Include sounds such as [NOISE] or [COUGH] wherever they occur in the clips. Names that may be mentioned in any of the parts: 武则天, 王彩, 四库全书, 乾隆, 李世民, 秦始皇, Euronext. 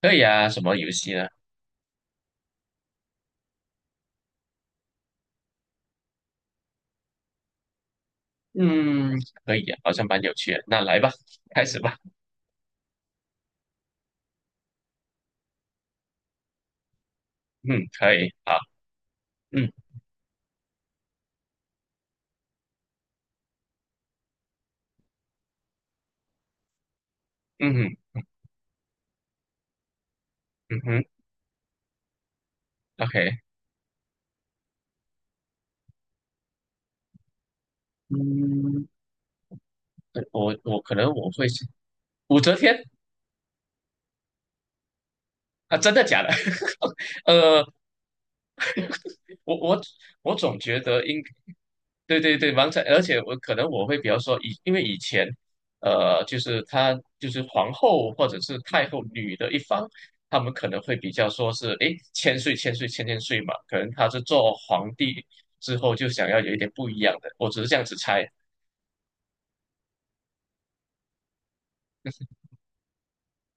可以啊，什么游戏呢？嗯，可以啊，好像蛮有趣的。那来吧，开始吧。嗯，可以，好，嗯嗯哼嗯哼，OK，嗯，对我可能我会是武则天。啊，真的假的？[LAUGHS] 呃，我我我总觉得对对对，王彩。而且我可能我会比较说因为以前，就是他就是皇后或者是太后女的一方，他们可能会比较说是，诶，千岁千岁千千岁嘛，可能她是做皇帝之后就想要有一点不一样的，我只是这样子猜。[LAUGHS]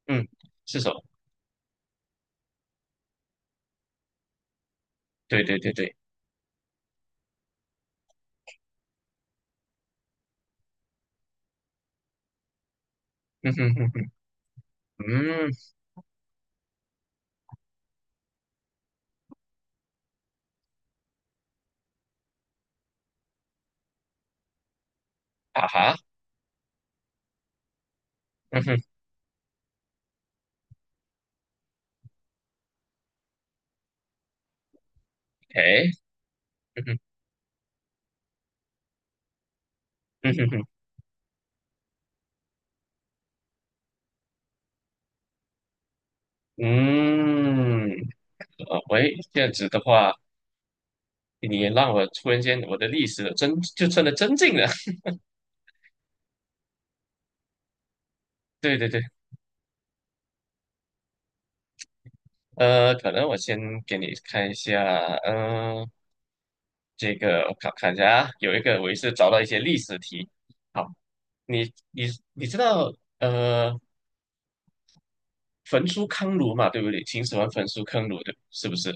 嗯，是什么？对对对对，[LAUGHS] 嗯哼哼哼嗯，啊哈，嗯哼，诶，嗯哼，嗯哼哼，嗯，喂，这样子的话。你也让我突然间，我的历史真就真的增进了。对对对，可能我先给你看一下，嗯、呃这个我看看一下啊，有一个我也是找到一些历史题。好，你你你知道呃焚书坑儒嘛，对不对？秦始皇焚书坑儒的，是不是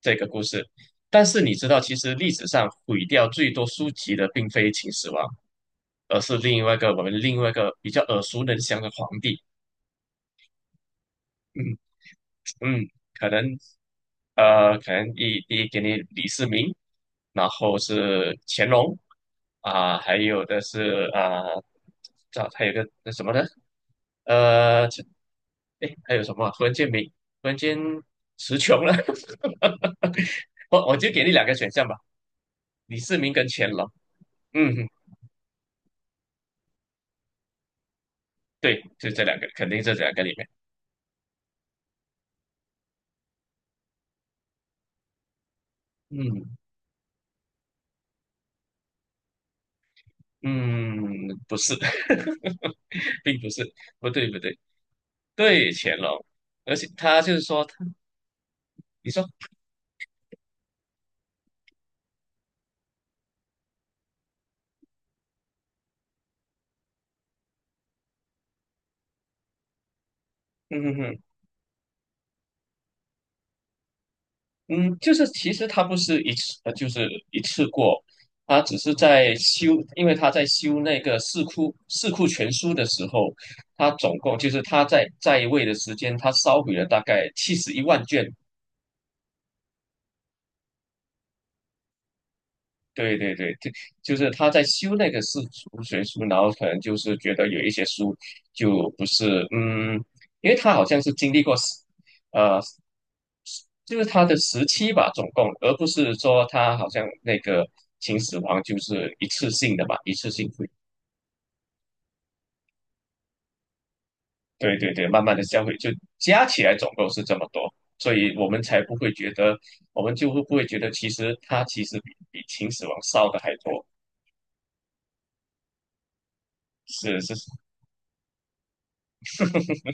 这个故事？但是你知道，其实历史上毁掉最多书籍的并非秦始皇，而是另外一个我们另外一个比较耳熟能详的皇帝。嗯嗯，可能可能第一给你李世民，然后是乾隆啊、还有的是啊，这、还有个那什么呢？呃，这哎，还有什么啊？忽然间没，忽然间词穷了。[LAUGHS] 我就给你两个选项吧，李世民跟乾隆。嗯，对，就这两个，肯定是这两个里面。嗯嗯，不是，[LAUGHS] 并不是，不对不对。对，乾隆，而且他就是说他，你说，嗯哼哼，嗯，就是其实他不是一次，就是一次过，他只是在修，因为他在修那个四库全书的时候，他总共就是他在位的时间，他烧毁了大概71万卷。对对对，就是他在修那个四库全书，然后可能就是觉得有一些书就不是，因为他好像是经历过。呃。就是他的时期吧，总共，而不是说他好像那个秦始皇就是一次性的嘛，一次性会，对对对，慢慢的销毁，就加起来总共是这么多，所以我们才不会觉得，我们就会不会觉得其实他其实比秦始皇烧的还多，是是，[LAUGHS]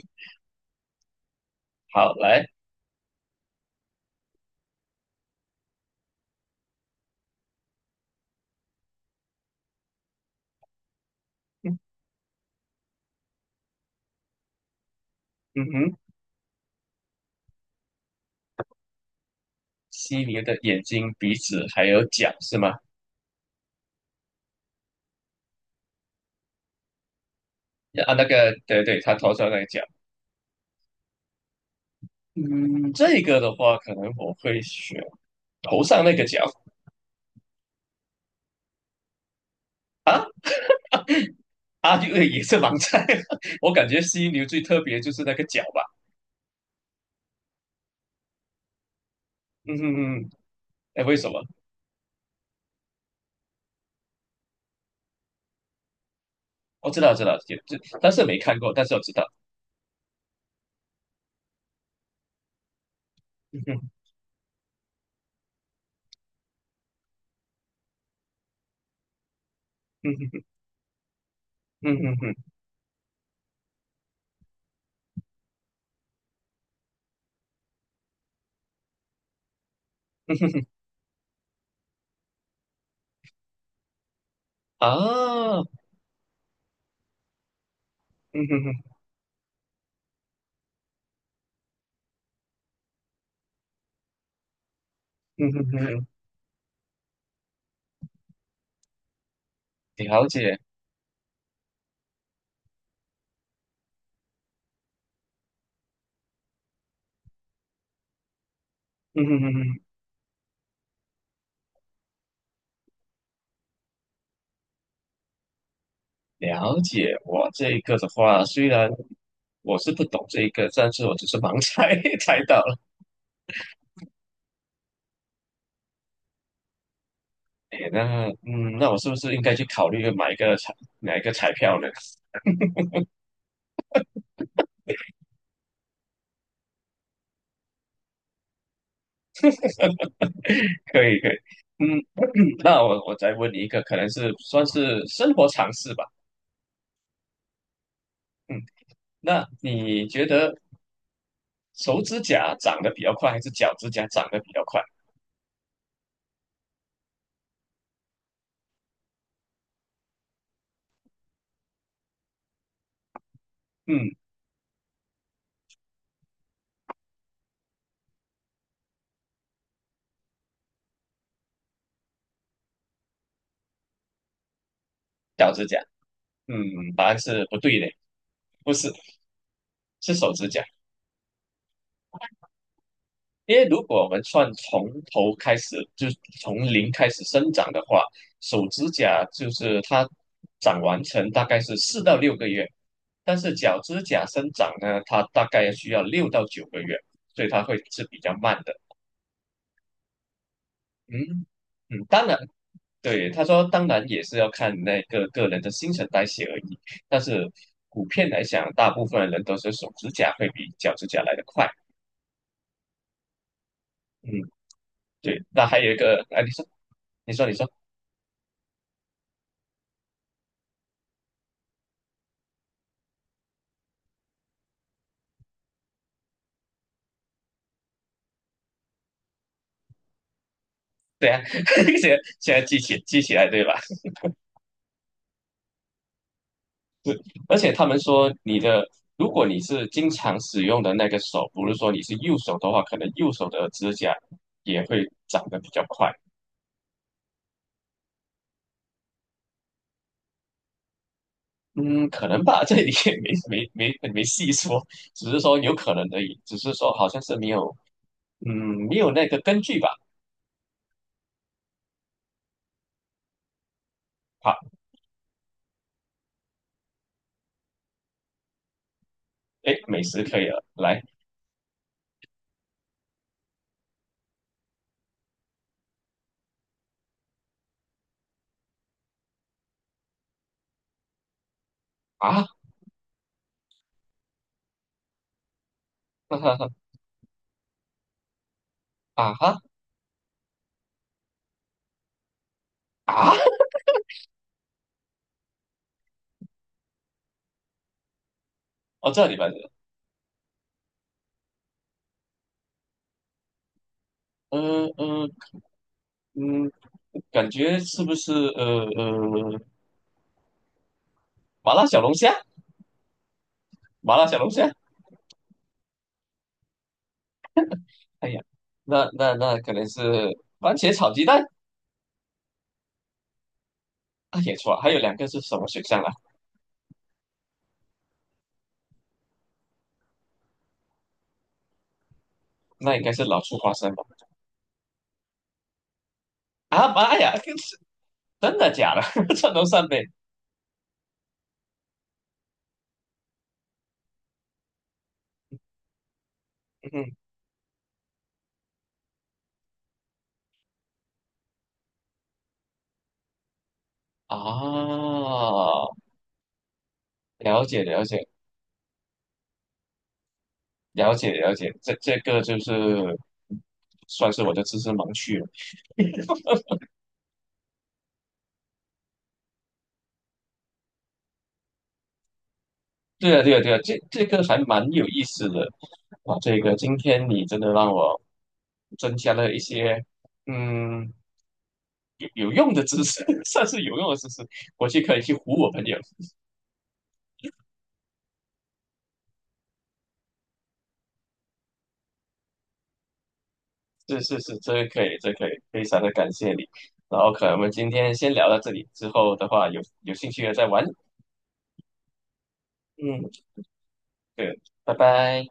好来，嗯嗯哼，犀牛的眼睛、鼻子还有角是吗？啊，那个对对，他头上那个角，嗯，这个的话可能我会选头上那个角。啊，就也是盲猜。[LAUGHS] 我感觉犀牛最特别就是那个角吧。嗯哼哼，哎，为什么？我知道，知道，但是没看过，但是我知道。嗯哼，嗯哼，嗯哼哼，嗯哼哼，啊，嗯哼哼，嗯哼哼，了解，嗯哼哼哼，了解。我这一个的话，虽然我是不懂这一个，但是我只是盲猜 [LAUGHS] 猜到了。哎，那我是不是应该去考虑买一个彩票呢？可以可以，嗯，[CLEARS THROAT] 那我再问你一个，可能是算是生活常识吧，嗯，那你觉得手指甲长得比较快，还是脚指甲长得比较快？嗯，脚指甲，嗯，答案是不对的，不是，是手指甲。因为如果我们算从头开始，就是从零开始生长的话，手指甲就是它长完成大概是4到6个月，但是脚趾甲生长呢，它大概需要6到9个月，所以它会是比较慢的。嗯嗯，当然，对，他说当然也是要看那个个人的新陈代谢而已，但是普遍来讲，大部分人都是手指甲会比脚趾甲来得快。嗯，对，那还有一个，哎，你说，你说，你说。对啊，[LAUGHS] 现在记起来对吧？而且他们说你的，如果你是经常使用的那个手，不是说你是右手的话，可能右手的指甲也会长得比较快。嗯，可能吧，这里也没细说，只是说有可能而已，只是说好像是没有，嗯，没有那个根据吧。好，哎，美食可以了，来啊，[LAUGHS] 哈哈哈，啊哈啊，哦，这里吧，嗯嗯嗯，感觉是不是麻辣小龙虾，麻辣小龙虾，哎呀，那可能是番茄炒鸡蛋。啊，也错了，还有两个是什么选项啊？那应该是老醋花生吧？啊妈呀，这是真的假的？[LAUGHS] 这都算呗？嗯啊，了解了解了解了解，这个就是算是我的知识盲区了。对啊对啊对啊，这个还蛮有意思的啊，这个今天你真的让我增加了一些嗯。有用的知识，[LAUGHS] 算是有用的知识，回去可以去唬我朋友。是是是，这个可以，这个可以，非常的感谢你。然后可能我们今天先聊到这里，之后的话有兴趣的再玩。嗯，对，拜拜。